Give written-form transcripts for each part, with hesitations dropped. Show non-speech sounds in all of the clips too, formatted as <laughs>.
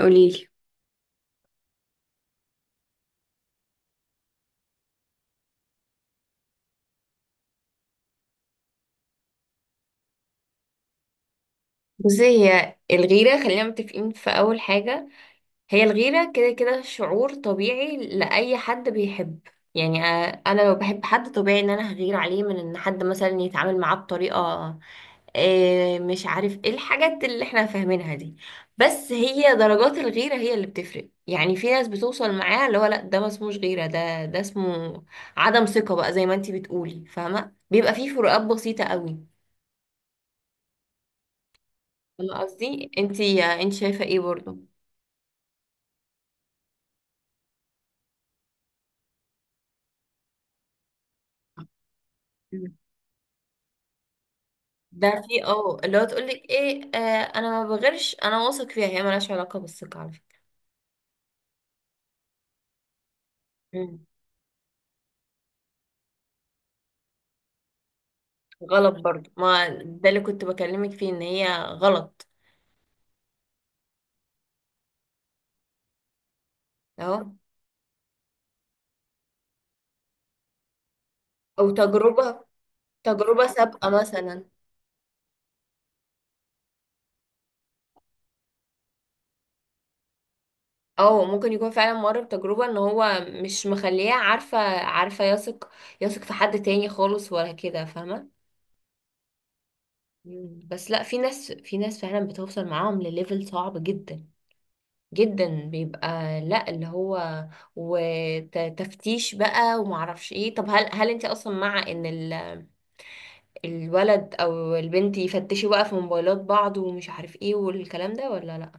قوليلي. بصي، هي الغيرة خلينا متفقين في أول حاجة، هي الغيرة كده كده شعور طبيعي لأي حد بيحب. يعني آه، أنا لو بحب حد طبيعي إن أنا هغير عليه من إن حد مثلا يتعامل معاه بطريقة، مش عارف إيه الحاجات اللي إحنا فاهمينها دي. بس هي درجات الغيرة هي اللي بتفرق. يعني في ناس بتوصل معاها اللي هو لأ ده ما اسموش غيرة، ده اسمه عدم ثقة بقى زي ما انتي بتقولي، فاهمة؟ بيبقى فيه فروقات بسيطة قوي. والله قصدي انتي، انت شايفة ايه برضو؟ مم. ده في اللي هو تقولك ايه، آه، انا ما بغيرش، انا واثق فيها، هي ملهاش علاقة بالثقة على فكرة. مم. غلط برضو، ما ده اللي كنت بكلمك فيه ان هي غلط. اهو. او تجربة، تجربة سابقة مثلا. او ممكن يكون فعلا مر بتجربة ان هو مش مخليها عارفة يثق، يثق في حد تاني خالص ولا كده، فاهمة؟ مم. بس لا، في ناس فعلا بتوصل معاهم لليفل صعب جدا جدا. بيبقى لا اللي هو وتفتيش بقى ومعرفش ايه. طب هل انت اصلا مع ان ال- الولد او البنت يفتشوا بقى في موبايلات بعض ومش عارف ايه والكلام ده، ولا لا؟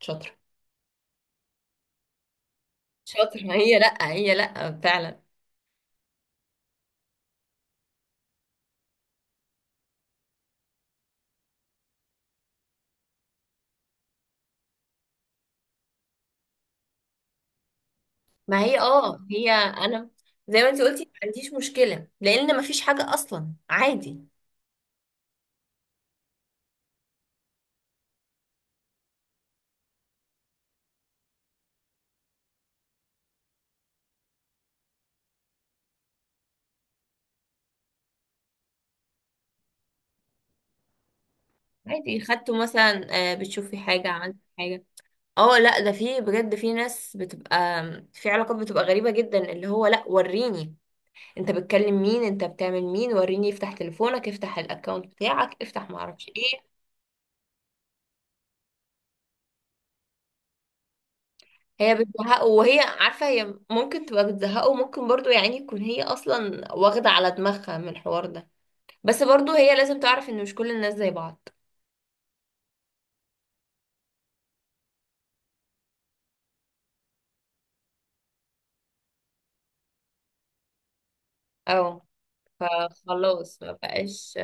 شاطرة. شاطرة، ما هي لا، هي لا فعلا. ما هي اه، هي انا زي ما انت قلتي ما عنديش مشكلة، لان ما فيش حاجة اصلا، عادي. عادي خدته مثلا، آه، بتشوفي حاجة؟ عندك حاجة؟ اه لا، ده في بجد في ناس بتبقى، في علاقات بتبقى غريبة جدا، اللي هو لا وريني انت بتكلم مين، انت بتعمل مين، وريني افتح تليفونك، افتح الاكونت بتاعك، افتحه، معرفش ايه. هي بتزهقه وهي عارفة، هي ممكن تبقى بتزهقه، وممكن برضو يعني تكون هي اصلا واخدة على دماغها من الحوار ده، بس برضو هي لازم تعرف ان مش كل الناس زي بعض. اه. فخلاص، ما بقاش.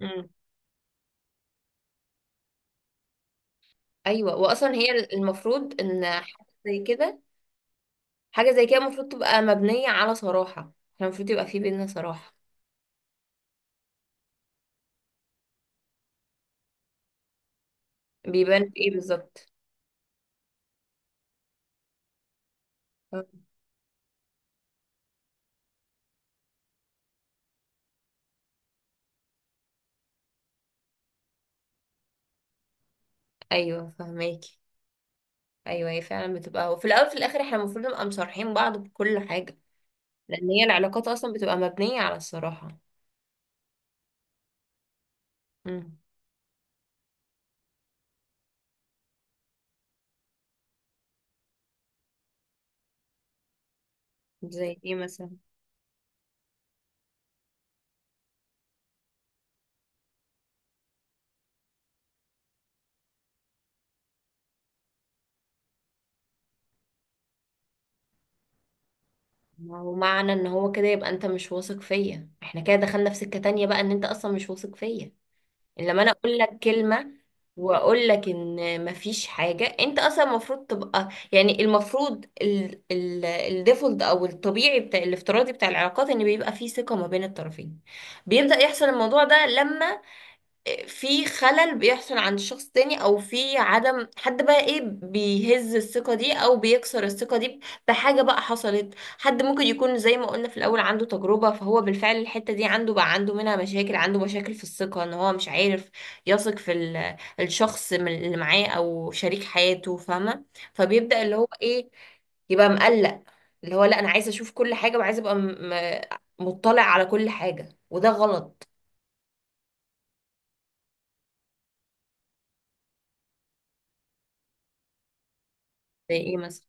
مم. ايوه، واصلا هي المفروض ان حاجة زي كده، حاجة زي كده المفروض تبقى مبنية على صراحة، احنا المفروض يبقى في بينا صراحة. بيبان في ايه بالظبط؟ آه. ايوه فهماكي. ايوه، هي فعلا بتبقى، وفي الاول وفي الاخر احنا المفروض نبقى مصارحين بعض بكل حاجة، لان هي العلاقات اصلا بتبقى مبنية على الصراحة. امم. زي ايه مثلا؟ ما هو معنى ان هو كده يبقى انت مش واثق فيا، احنا كده دخلنا في سكة تانية بقى ان انت اصلا مش واثق فيا لما انا اقول لك كلمة واقول لك ان مفيش حاجة. انت اصلا المفروض تبقى يعني المفروض الديفولت او الطبيعي بتاع، الافتراضي بتاع العلاقات ان بيبقى فيه ثقة ما بين الطرفين. بيبدأ يحصل الموضوع ده لما في خلل بيحصل عند شخص تاني، او في عدم، حد بقى ايه بيهز الثقة دي او بيكسر الثقة دي بحاجة بقى حصلت. حد ممكن يكون زي ما قلنا في الاول عنده تجربة، فهو بالفعل الحتة دي عنده، بقى عنده منها مشاكل، عنده مشاكل في الثقة ان هو مش عارف يثق في ال- الشخص من- اللي معاه او شريك حياته، فاهمة؟ فبيبدأ اللي هو ايه، يبقى مقلق، اللي هو لا انا عايزة اشوف كل حاجة، وعايزة ابقى م- م- مطلع على كل حاجة، وده غلط. زي ايه مثلا؟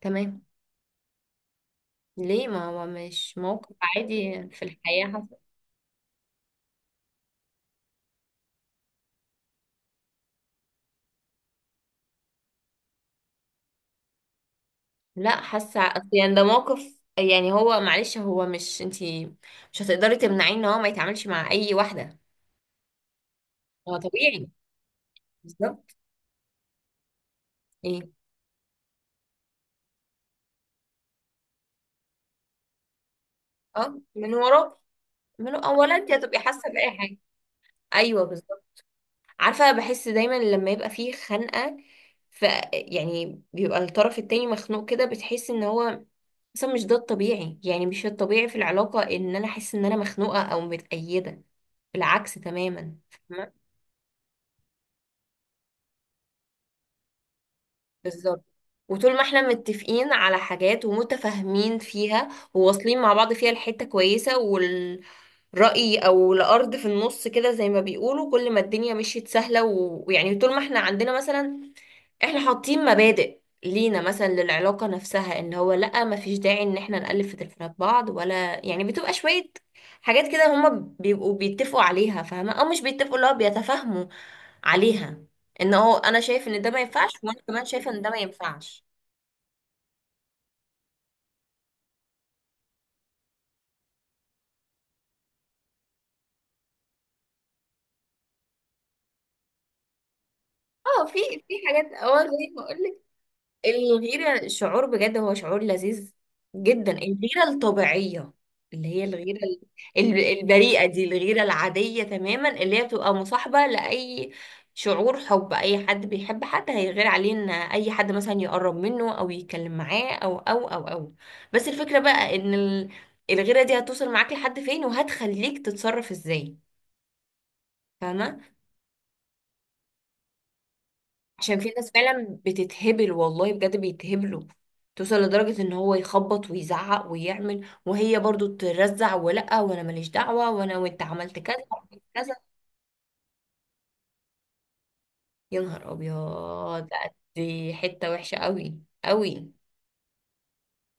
تمام. ليه؟ ما هو مش موقف عادي في الحياة حصل؟ لا حاسة، أصل يعني ده موقف، يعني هو معلش، هو مش انتي مش هتقدري تمنعيه ان هو ما يتعاملش مع اي واحدة، هو طبيعي. بالظبط. ايه؟ اه من وراه. من اولا انت هتبقي حاسة بأي حاجة. ايوه بالظبط. عارفة بحس دايما لما يبقى فيه خنقة، ف، يعني بيبقى الطرف التاني مخنوق كده، بتحس ان هو، بس مش ده الطبيعي. يعني مش الطبيعي في العلاقة ان انا احس ان انا مخنوقة او متأيدة، بالعكس تماما. فاهمة؟ بالظبط. وطول ما احنا متفقين على حاجات ومتفاهمين فيها وواصلين مع بعض فيها لحتة كويسة، والرأي او الارض في النص كده زي ما بيقولوا، كل ما الدنيا مشيت سهلة و- طول ما احنا عندنا مثلا، احنا حاطين مبادئ لينا مثلا للعلاقة نفسها ان هو لا ما فيش داعي ان احنا نقلب في تليفونات بعض ولا، يعني بتبقى شوية حاجات كده هما بيبقوا بيتفقوا عليها، فاهمة، او مش بيتفقوا، اللي هو بيتفاهموا عليها، ان هو انا شايف ان ده ما ينفعش وانا كمان شايفة ان ده ما ينفعش. اه في، في حاجات اه زي ما اقول، الغيرة شعور بجد، هو شعور لذيذ جدا، الغيرة الطبيعية، اللي هي الغيرة ال- ال- البريئة دي، الغيرة العادية تماما، اللي هي بتبقى مصاحبة لأي شعور حب. أي حد بيحب حد هيغير عليه إن أي حد مثلا يقرب منه أو يتكلم معاه أو أو أو أو. بس الفكرة بقى إن ال- الغيرة دي هتوصل معاك لحد فين، وهتخليك تتصرف إزاي. فاهمة؟ عشان في ناس فعلا بتتهبل، والله بجد بيتهبلوا، توصل لدرجة ان هو يخبط ويزعق ويعمل، وهي برضو ترزع ولا وانا ماليش دعوة وانا وانت عملت كذا وعملت كذا. يا نهار ابيض! لا، دي حتة وحشة قوي قوي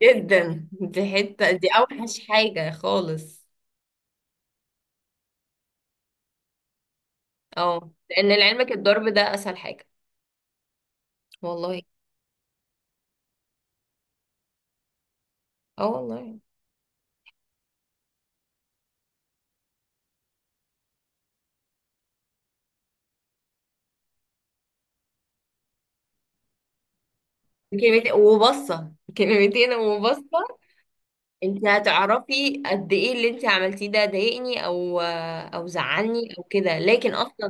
جدا، دي حتة دي اوحش حاجة خالص. اه، لان لعلمك الضرب ده اسهل حاجة، والله. اه والله. كلمتين وبصة، كلمتين وبصة. انت هتعرفي قد ايه اللي انت عملتيه ده ضايقني او او زعلني او كده، لكن اصلا،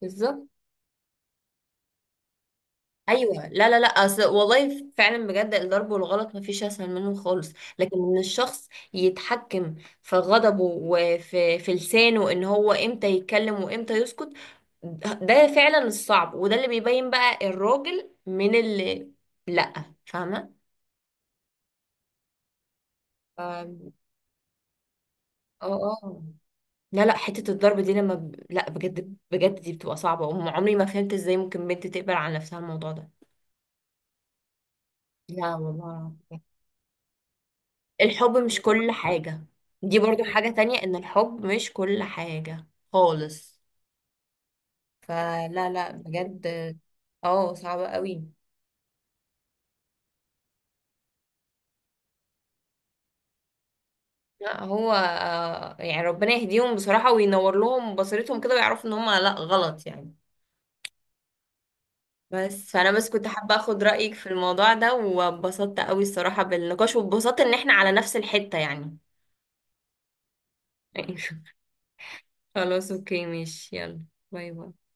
بالظبط. ايوه لا لا لا، أصل والله فعلا بجد الضرب والغلط مفيش اسهل منه خالص. لكن ان الشخص يتحكم في غضبه وفي في لسانه، ان هو امتى يتكلم وامتى يسكت، ده فعلا الصعب، وده اللي بيبين بقى الراجل من اللي لا، فاهمه؟ ف-، اه اه. لا لا، حتة الضرب دي لما ب...، لا بجد بجد دي بتبقى صعبة، وعمري ما فهمت ازاي ممكن بنت تقبل على نفسها الموضوع ده. لا والله العظيم. الحب مش كل حاجة، دي برضو حاجة تانية، ان الحب مش كل حاجة خالص. فلا لا بجد، اه صعبة قوي. لا هو آه، يعني ربنا يهديهم بصراحة وينور لهم بصيرتهم كده ويعرفوا ان هم لا غلط يعني. بس فانا بس كنت حابة اخد رأيك في الموضوع ده، واتبسطت قوي الصراحة بالنقاش، واتبسطت ان احنا على نفس الحتة يعني. <laughs> خلاص اوكي ماشي، يلا، باي باي.